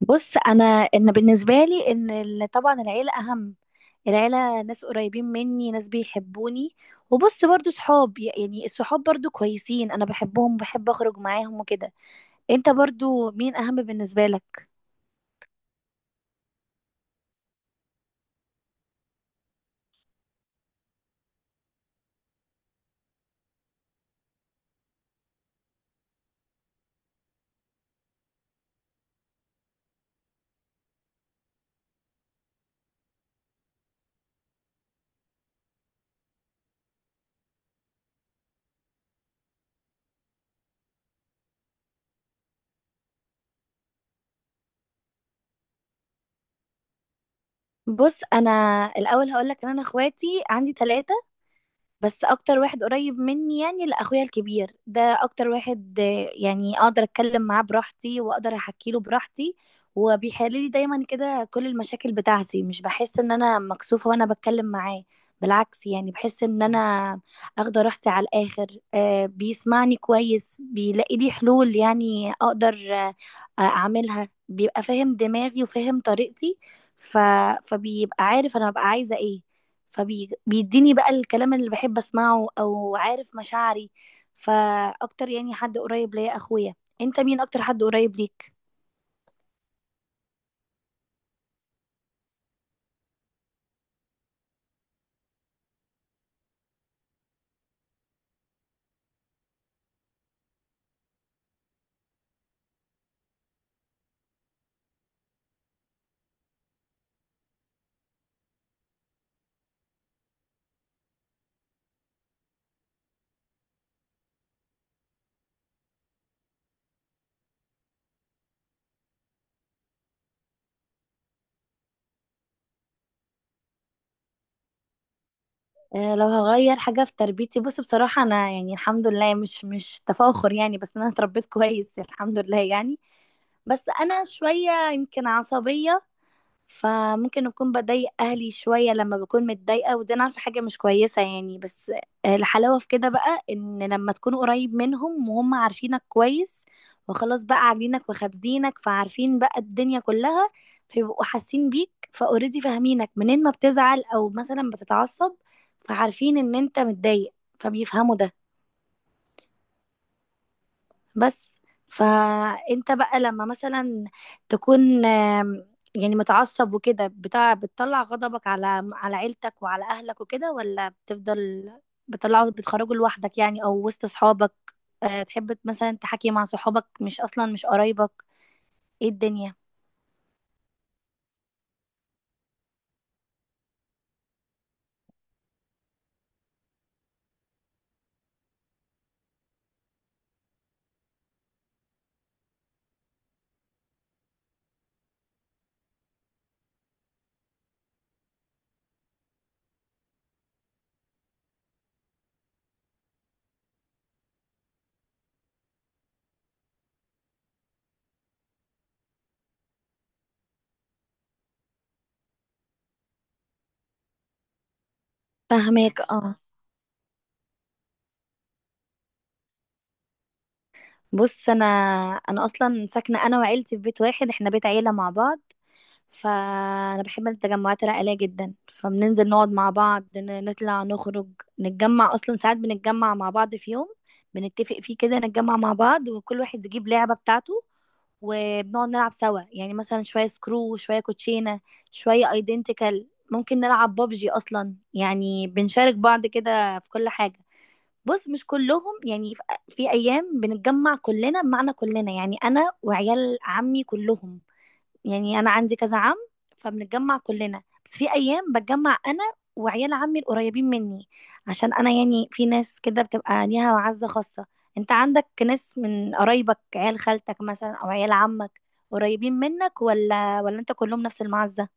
بص، انا ان بالنسبه لي طبعا العيله اهم. العيله ناس قريبين مني، ناس بيحبوني. وبص برضو صحاب، يعني الصحاب برضو كويسين، انا بحبهم، بحب اخرج معاهم وكده. انت برضو مين اهم بالنسبه لك؟ بص، انا الاول هقولك ان انا اخواتي عندي ثلاثه. بس اكتر واحد قريب مني يعني لاخويا الكبير، ده اكتر واحد يعني اقدر اتكلم معاه براحتي واقدر احكي له براحتي. وبيحل لي دايما كده كل المشاكل بتاعتي، مش بحس ان انا مكسوفة وانا بتكلم معاه. بالعكس يعني بحس ان انا اخده راحتي على الاخر. بيسمعني كويس، بيلاقي لي حلول، يعني اقدر اعملها، بيبقى فاهم دماغي وفاهم طريقتي. ف... فبيبقى عارف انا ببقى عايزة ايه، فبيديني بقى الكلام اللي بحب اسمعه او عارف مشاعري. فاكتر يعني حد قريب ليا اخويا. انت مين اكتر حد قريب ليك؟ أه، لو هغير حاجة في تربيتي، بص، بصراحة انا يعني الحمد لله، مش تفاخر يعني، بس انا اتربيت كويس الحمد لله يعني. بس انا شوية يمكن عصبية. فممكن اكون بضايق اهلي شويه لما بكون متضايقه، ودي انا عارفه حاجه مش كويسه يعني، بس. الحلاوه في كده بقى، ان لما تكون قريب منهم وهم عارفينك كويس، وخلاص بقى عاملينك وخابزينك، فعارفين بقى الدنيا كلها. فيبقوا حاسين بيك فاوريدي، فاهمينك منين ما بتزعل او مثلا بتتعصب، فعارفين ان انت متضايق، فبيفهموا ده. بس فانت بقى لما مثلا تكون يعني متعصب وكده بتاع، بتطلع غضبك على عيلتك وعلى اهلك وكده، ولا بتفضل بتطلعه بتخرجه لوحدك يعني، او وسط اصحابك؟ تحب مثلا تحكي مع صحابك مش اصلا مش قرايبك، ايه الدنيا؟ فهماك، اه. بص، انا اصلا ساكنه انا وعيلتي في بيت واحد، احنا بيت عيله مع بعض. فانا بحب التجمعات العائليه جدا، فبننزل نقعد مع بعض، نطلع نخرج نتجمع. اصلا ساعات بنتجمع مع بعض في يوم بنتفق فيه كده، نتجمع مع بعض وكل واحد يجيب لعبه بتاعته. وبنقعد نلعب سوا، يعني مثلا شويه سكرو، شويه كوتشينه، شويه ايدنتيكال، ممكن نلعب بابجي، اصلا يعني بنشارك بعض كده في كل حاجه. بص، مش كلهم يعني، في ايام بنتجمع كلنا، بمعنى كلنا يعني انا وعيال عمي كلهم، يعني انا عندي كذا عم، فبنتجمع كلنا. بس في ايام بتجمع انا وعيال عمي القريبين مني، عشان انا يعني في ناس كده بتبقى ليها معزة خاصة. انت عندك ناس من قرايبك، عيال خالتك مثلا او عيال عمك، قريبين منك، ولا انت كلهم نفس المعزة؟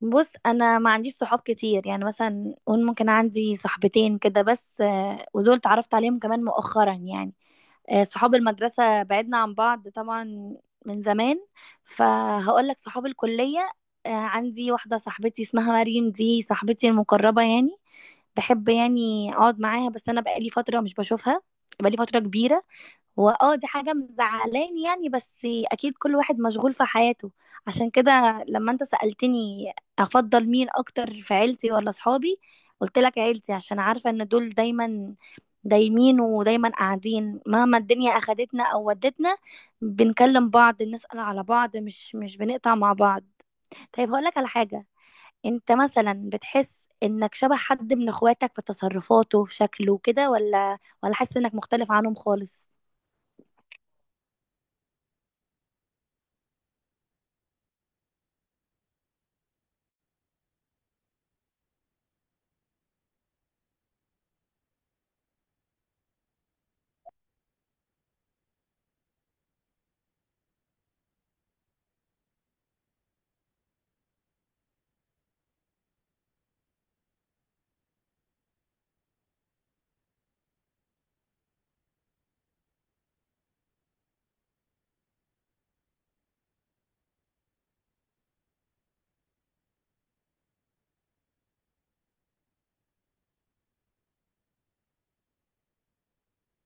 بص، انا ما عنديش صحاب كتير، يعني مثلا قول ممكن عندي صاحبتين كده بس، ودول اتعرفت عليهم كمان مؤخرا يعني. صحاب المدرسة بعدنا عن بعض طبعا من زمان، فهقول لك صحاب الكلية. عندي واحدة صاحبتي اسمها مريم، دي صاحبتي المقربة يعني. بحب يعني اقعد معاها، بس انا بقالي فترة مش بشوفها، بقالي فترة كبيرة. هو اه دي حاجة مزعلاني يعني، بس اكيد كل واحد مشغول في حياته. عشان كده لما انت سألتني افضل مين اكتر في عيلتي ولا صحابي، قلت لك عيلتي، عشان عارفة ان دول دايما دايمين ودايما قاعدين، مهما الدنيا اخدتنا او ودتنا، بنكلم بعض، نسأل على بعض، مش بنقطع مع بعض. طيب، هقول لك على حاجة. انت مثلا بتحس انك شبه حد من اخواتك في تصرفاته في شكله كده، ولا حاسس انك مختلف عنهم خالص؟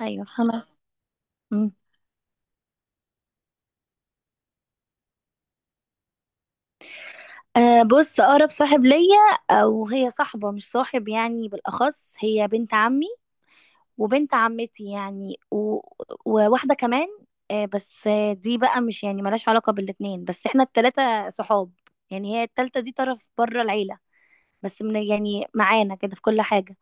ايوه، فاهمة. مم. أه، بص، أقرب صاحب ليا، أو هي صاحبة مش صاحب يعني، بالأخص هي بنت عمي وبنت عمتي يعني، وواحدة كمان. أه، بس دي بقى مش يعني ملهاش علاقة بالاتنين، بس احنا التلاتة صحاب. يعني هي التالتة دي طرف بره العيلة، بس من يعني معانا كده في كل حاجة.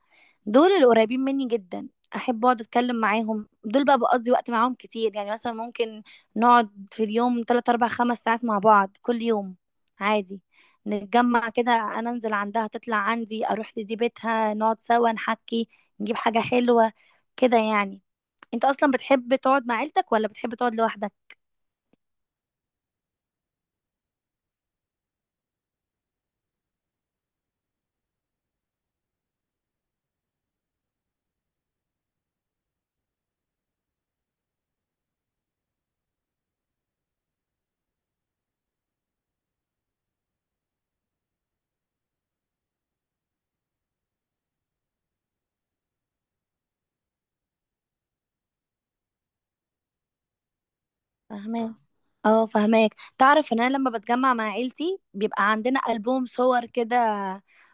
دول القريبين مني جدا، احب اقعد اتكلم معاهم، دول بقى بقضي وقت معاهم كتير، يعني مثلا ممكن نقعد في اليوم 3 4 5 ساعات مع بعض كل يوم، عادي. نتجمع كده، انا انزل عندها، تطلع عندي، اروح لدي بيتها، نقعد سوا نحكي، نجيب حاجة حلوة كده يعني. انت اصلا بتحب تقعد مع عيلتك ولا بتحب تقعد لوحدك؟ فاهماك، اه فاهماك. تعرف ان انا لما بتجمع مع عيلتي بيبقى عندنا ألبوم صور كده،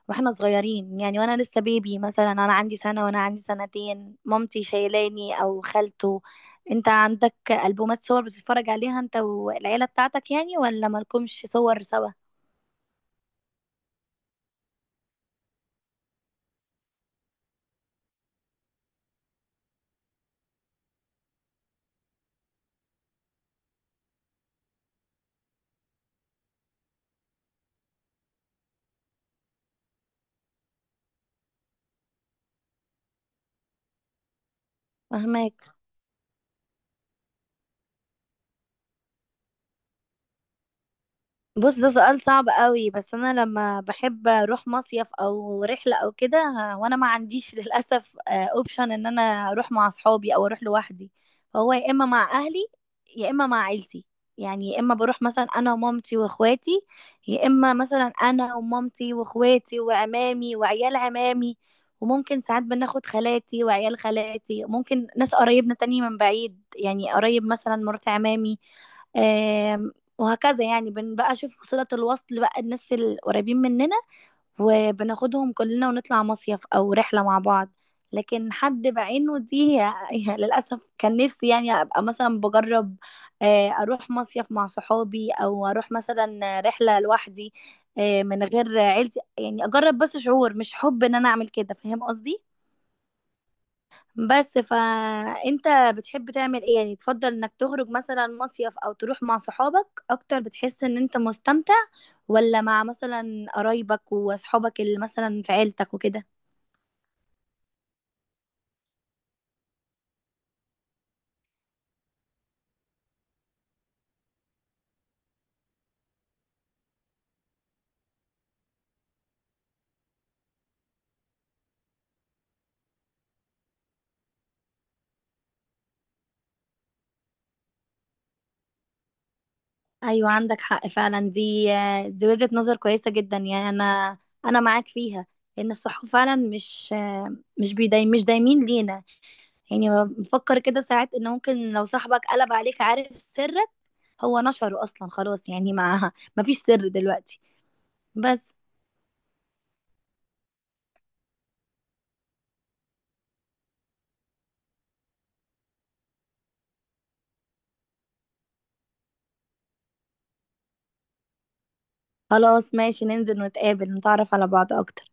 واحنا صغيرين يعني، وانا لسه بيبي مثلا، انا عندي سنة وانا عندي سنتين، مامتي شايلاني او خالته. انت عندك ألبومات صور بتتفرج عليها انت والعيلة بتاعتك يعني، ولا مالكمش صور سوا؟ فاهماك. بص، ده سؤال صعب قوي، بس انا لما بحب اروح مصيف او رحله او كده وانا ما عنديش للاسف اوبشن ان انا اروح مع اصحابي او اروح لوحدي. فهو يا اما مع اهلي، يا اما مع عيلتي. يعني يا اما بروح مثلا انا ومامتي واخواتي، يا اما مثلا انا ومامتي واخواتي وعمامي وعيال عمامي. وممكن ساعات بناخد خالاتي وعيال خالاتي، ممكن ناس قرايبنا تاني من بعيد يعني قريب، مثلا مرات عمامي، آه، وهكذا يعني. بنبقى اشوف صلة الوصل بقى الناس القريبين مننا وبناخدهم كلنا ونطلع مصيف او رحلة مع بعض. لكن حد بعينه دي يعني للأسف، كان نفسي يعني أبقى مثلا بجرب أروح مصيف مع صحابي أو أروح مثلا رحلة لوحدي، من غير عيلتي، يعني أجرب بس شعور، مش حب إن أنا أعمل كده، فاهم قصدي؟ بس فانت بتحب تعمل ايه يعني؟ تفضل انك تخرج مثلا مصيف او تروح مع صحابك اكتر بتحس ان انت مستمتع، ولا مع مثلا قرايبك واصحابك اللي مثلا في عيلتك وكده؟ ايوه، عندك حق فعلا. دي وجهة نظر كويسة جدا يعني، انا معاك فيها. ان الصحاب فعلا مش بيداي، مش دايمين لينا. يعني بفكر كده ساعات ان ممكن لو صاحبك قلب عليك عارف سرك، هو نشره اصلا خلاص، يعني مع مفيش سر دلوقتي، بس. خلاص، ماشي، ننزل نتقابل نتعرف على بعض اكتر.